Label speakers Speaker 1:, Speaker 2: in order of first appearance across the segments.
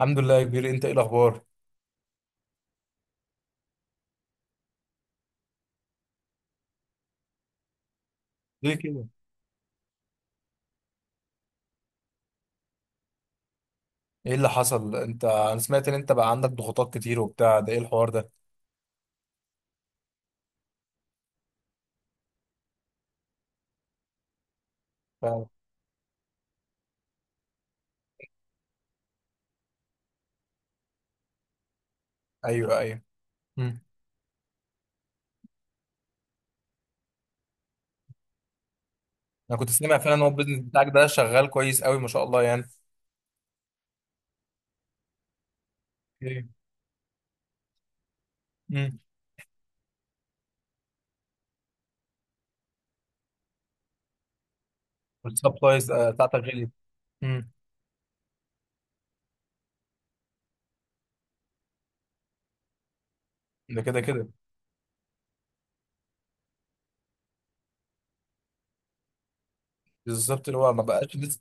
Speaker 1: الحمد لله يا كبير، انت ايه الاخبار؟ ليه كده؟ ايه اللي حصل؟ انت انا سمعت ان انت بقى عندك ضغوطات كتير وبتاع، ده ايه الحوار ده؟ فعلا. ايوه، ايوه. مم. انا كنت سامع فعلا ان هو البيزنس بتاعك ده شغال كويس قوي، ما شاء الله يعني. ايه. مم. والسبلايز بتاعتك غليت. مم. ده كده كده. بالظبط، اللي هو ما بقاش لسه.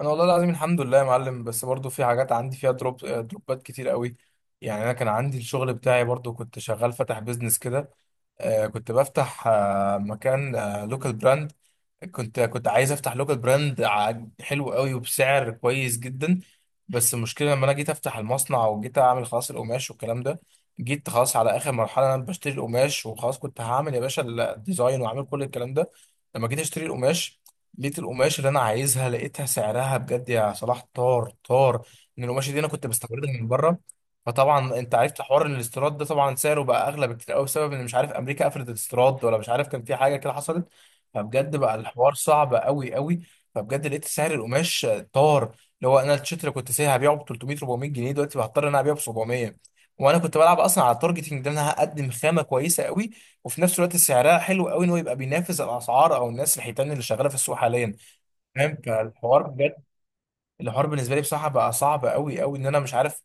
Speaker 1: انا والله العظيم الحمد لله يا معلم، بس برضو في حاجات عندي فيها دروب، دروبات كتير قوي. يعني انا كان عندي الشغل بتاعي، برضو كنت شغال فاتح بيزنس كده. كنت بفتح مكان. لوكال براند. كنت عايز افتح لوكال براند حلو قوي وبسعر كويس جدا. بس المشكله لما انا جيت افتح المصنع وجيت اعمل خلاص القماش والكلام ده، جيت خلاص على اخر مرحله، انا بشتري القماش وخلاص كنت هعمل يا باشا الديزاين وعامل كل الكلام ده. لما جيت اشتري القماش، لقيت القماش اللي انا عايزها، لقيتها سعرها بجد يا صلاح طار طار. ان القماش دي انا كنت بستوردها من بره. فطبعا انت عرفت حوار إن الاستيراد ده طبعا سعره بقى اغلى بكتير قوي، بسبب ان مش عارف امريكا قفلت الاستيراد، ولا مش عارف كان في حاجه كده حصلت. فبجد بقى الحوار صعب قوي قوي. فبجد لقيت سعر القماش طار. اللي هو انا التيشيرت اللي كنت سايبها هبيعه ب 300 400 جنيه، دلوقتي هضطر ان انا ابيعه ب 700. وانا كنت بلعب اصلا على التارجتنج ده، انا هقدم خامه كويسه قوي، وفي نفس الوقت سعرها حلو قوي، ان هو يبقى بينافس الاسعار، او الناس الحيتان اللي شغاله في السوق حاليا. فاهم؟ فالحوار، الحوار بالنسبه لي بصراحه بقى صعب قوي قوي. ان انا مش عارف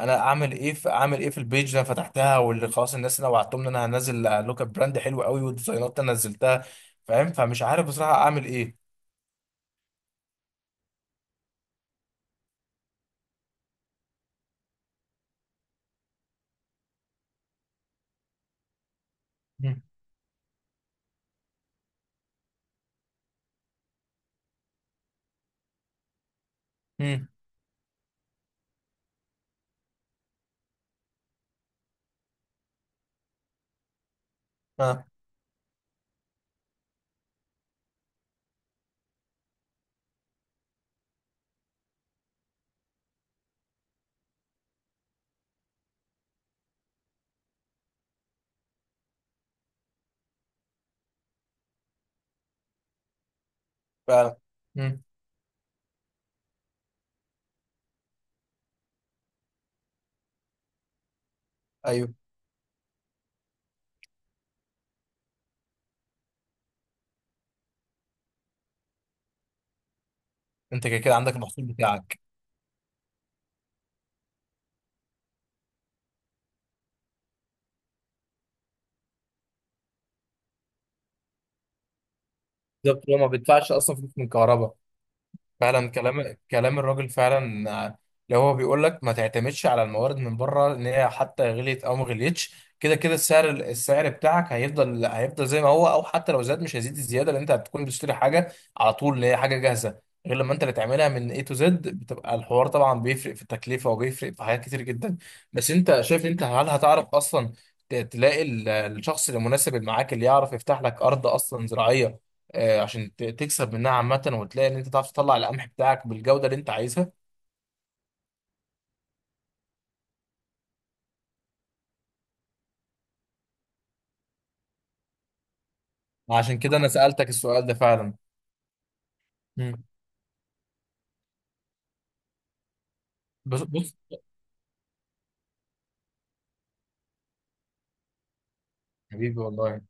Speaker 1: انا اعمل ايه في، اعمل ايه في البيج اللي انا فتحتها، واللي خلاص الناس انا وعدتهم ان انا هنزل لوك اب براند حلو قوي والديزاينات انا نزلتها. فاهم؟ فمش عارف بصراحه اعمل ايه. مم. مم. ها. ف مم. ايوه. انت كده كده عندك المحصول بتاعك. بالظبط، هو ما بيدفعش اصلا فلوس من الكهرباء. فعلا، كلام كلام الراجل فعلا، اللي هو بيقول لك ما تعتمدش على الموارد من بره، ان هي حتى غليت او ما غليتش. كده كده السعر بتاعك هيفضل زي ما هو، او حتى لو زاد مش هيزيد الزياده، لان انت هتكون بتشتري حاجه على طول اللي هي حاجه جاهزه. غير لما انت اللي تعملها من A to Z، بتبقى الحوار طبعا بيفرق في التكلفه وبيفرق في حاجات كتير جدا. بس انت شايف، انت هل هتعرف اصلا تلاقي الشخص المناسب اللي معاك اللي يعرف يفتح لك ارض اصلا زراعيه؟ عشان تكسب منها عامة، وتلاقي ان انت تعرف تطلع القمح بتاعك بالجودة اللي انت عايزها. عشان كده انا سألتك السؤال ده فعلا. مم. بص بص. حبيبي والله.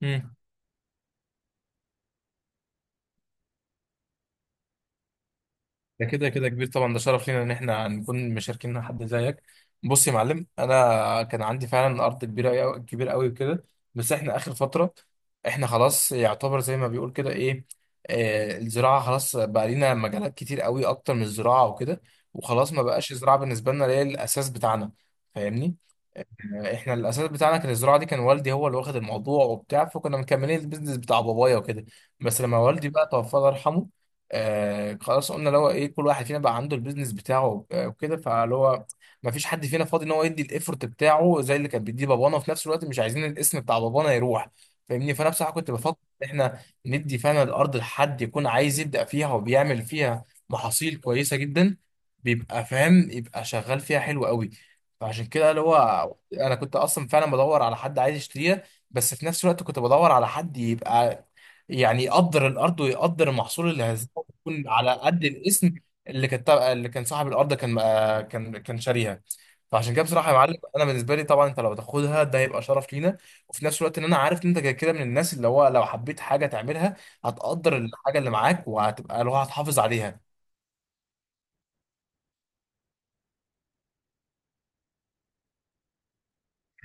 Speaker 1: مم. ده كده كده كبير طبعا، ده شرف لينا ان احنا نكون مشاركين مع حد زيك. بص يا معلم، انا كان عندي فعلا ارض كبيرة، كبيرة قوي وكده. بس احنا اخر فترة، احنا خلاص يعتبر زي ما بيقول كده، ايه، آه، الزراعة خلاص، بقى لينا مجالات كتير قوي اكتر من الزراعة وكده. وخلاص ما بقاش الزراعة بالنسبة لنا اللي هي الاساس بتاعنا. فاهمني؟ احنا الاساس بتاعنا كان الزراعه دي، كان والدي هو اللي واخد الموضوع وبتاع، فكنا مكملين البيزنس بتاع بابايا وكده. بس لما والدي بقى توفى الله يرحمه، آه خلاص قلنا اللي هو ايه، كل واحد فينا بقى عنده البيزنس بتاعه، وكده. فاللي هو ما فيش حد فينا فاضي ان هو يدي الايفورت بتاعه زي اللي كان بيديه بابانا، وفي نفس الوقت مش عايزين الاسم بتاع بابانا يروح. فاهمني؟ فانا بصراحه كنت بفكر ان احنا ندي فعلا الارض لحد يكون عايز يبدا فيها وبيعمل فيها محاصيل كويسه جدا، بيبقى فاهم، يبقى شغال فيها حلو قوي. فعشان كده اللي هو، انا كنت اصلا فعلا بدور على حد عايز يشتريها، بس في نفس الوقت كنت بدور على حد يبقى يعني يقدر الارض ويقدر المحصول اللي هيزرعه، يكون على قد الاسم اللي كان اللي كان صاحب الارض، كان كان شاريها. فعشان كده بصراحه يا معلم، انا بالنسبه لي طبعا انت لو تاخدها، ده هيبقى شرف لينا. وفي نفس الوقت ان انا عارف ان انت كده كده من الناس اللي هو لو حبيت حاجه تعملها، هتقدر الحاجه اللي معاك وهتبقى اللي هو هتحافظ عليها.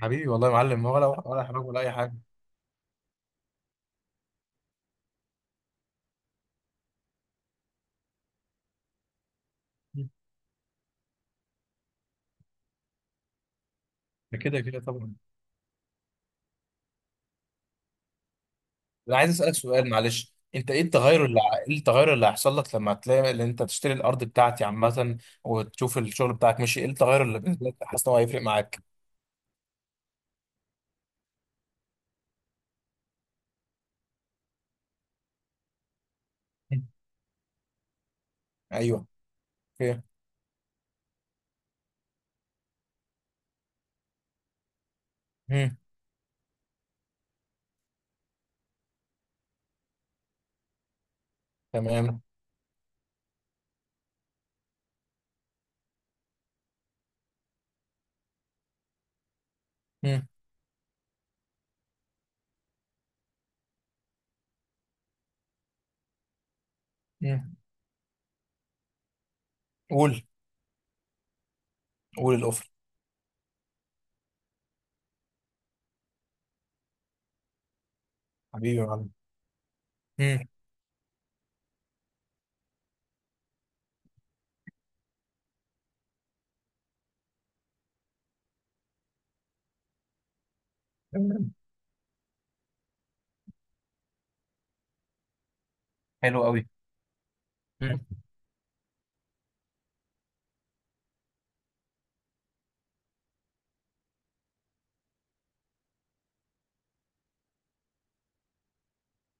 Speaker 1: حبيبي والله يا معلم، ولا ولا حرج ولا اي حاجه. ده كده كده طبعا. انا عايز اسالك سؤال، معلش، انت ايه التغير اللي ايه التغير اللي هيحصل لك لما تلاقي اللي انت تشتري الارض بتاعتي عامه، وتشوف الشغل بتاعك ماشي؟ ايه التغير اللي بالنسبه لك حاسس ان هو هيفرق معاك؟ مم. ايوه. اوكي. مم. تمام. مم. مم. قول. قول الاوفر. حبيبي يا معلم. مم. تمام. حلو قوي. مم.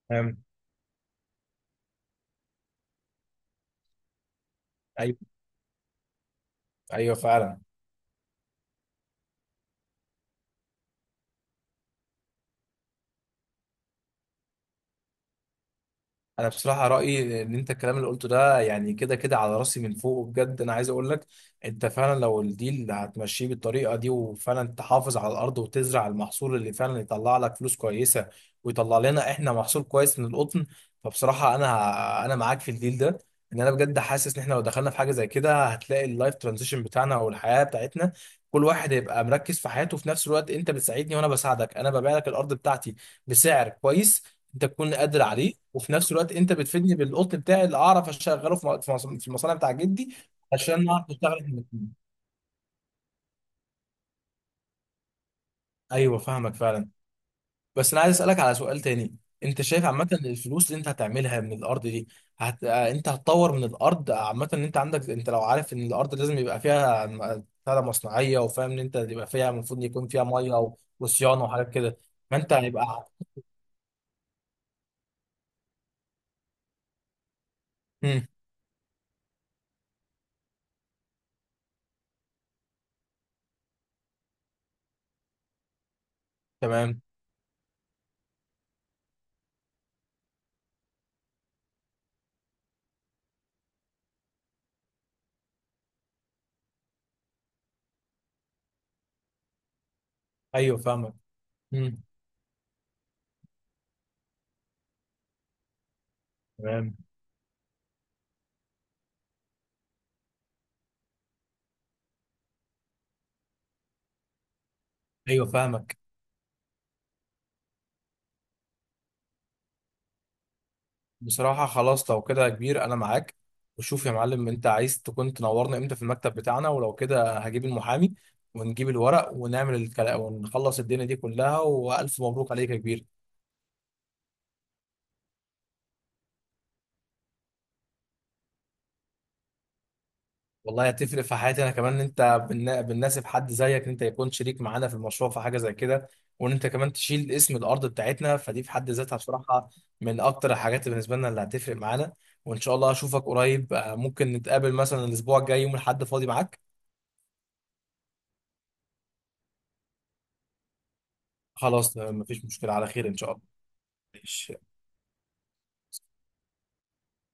Speaker 1: تمام. ايوه، ايوه فعلا. انا بصراحه رايي ان انت الكلام اللي قلته ده، يعني كده كده على راسي من فوق، بجد انا عايز اقول لك، انت فعلا لو الديل هتمشيه بالطريقه دي، وفعلا تحافظ على الارض وتزرع المحصول اللي فعلا يطلع لك فلوس كويسه، ويطلع لنا احنا محصول كويس من القطن. فبصراحه انا معاك في الديل ده. ان انا بجد حاسس ان احنا لو دخلنا في حاجه زي كده، هتلاقي اللايف ترانزيشن بتاعنا او الحياه بتاعتنا، كل واحد هيبقى مركز في حياته. في نفس الوقت انت بتساعدني وانا بساعدك، انا ببيع لك الارض بتاعتي بسعر كويس انت تكون قادر عليه، وفي نفس الوقت انت بتفيدني بالقطن بتاعي اللي اعرف اشغله في في المصانع بتاع جدي، عشان اعرف اشتغل احنا الاتنين. ايوه فاهمك فعلا. بس انا عايز اسالك على سؤال تاني. انت شايف عامه ان الفلوس اللي انت هتعملها من الارض دي هت... آه، انت هتطور من الارض عامه، ان انت عندك، انت لو عارف ان الارض لازم يبقى فيها بتاع ده مصنعيه، وفاهم ان انت يبقى فيها المفروض يكون فيها ميه وصيانه وحاجات كده. فانت هيبقى. مم. تمام. ايوه فاهمك. مم. تمام. ايوه فاهمك. بصراحة خلاص لو كده يا كبير، أنا معاك. وشوف يا معلم، أنت عايز تكون تنورنا إمتى في المكتب بتاعنا؟ ولو كده هجيب المحامي ونجيب الورق ونعمل الكلام ونخلص الدنيا دي كلها، وألف مبروك عليك يا كبير. والله هتفرق في حياتي أنا كمان، إن أنت بالناسب حد زيك، إن أنت يكون شريك معانا في المشروع في حاجة زي كده، وإن أنت كمان تشيل اسم الأرض بتاعتنا، فدي في حد ذاتها بصراحة من أكتر الحاجات بالنسبة لنا اللي هتفرق معانا. وإن شاء الله أشوفك قريب. ممكن نتقابل مثلا الأسبوع الجاي يوم الأحد، فاضي معاك؟ خلاص، مفيش مشكلة، على خير إن شاء الله. ماشي.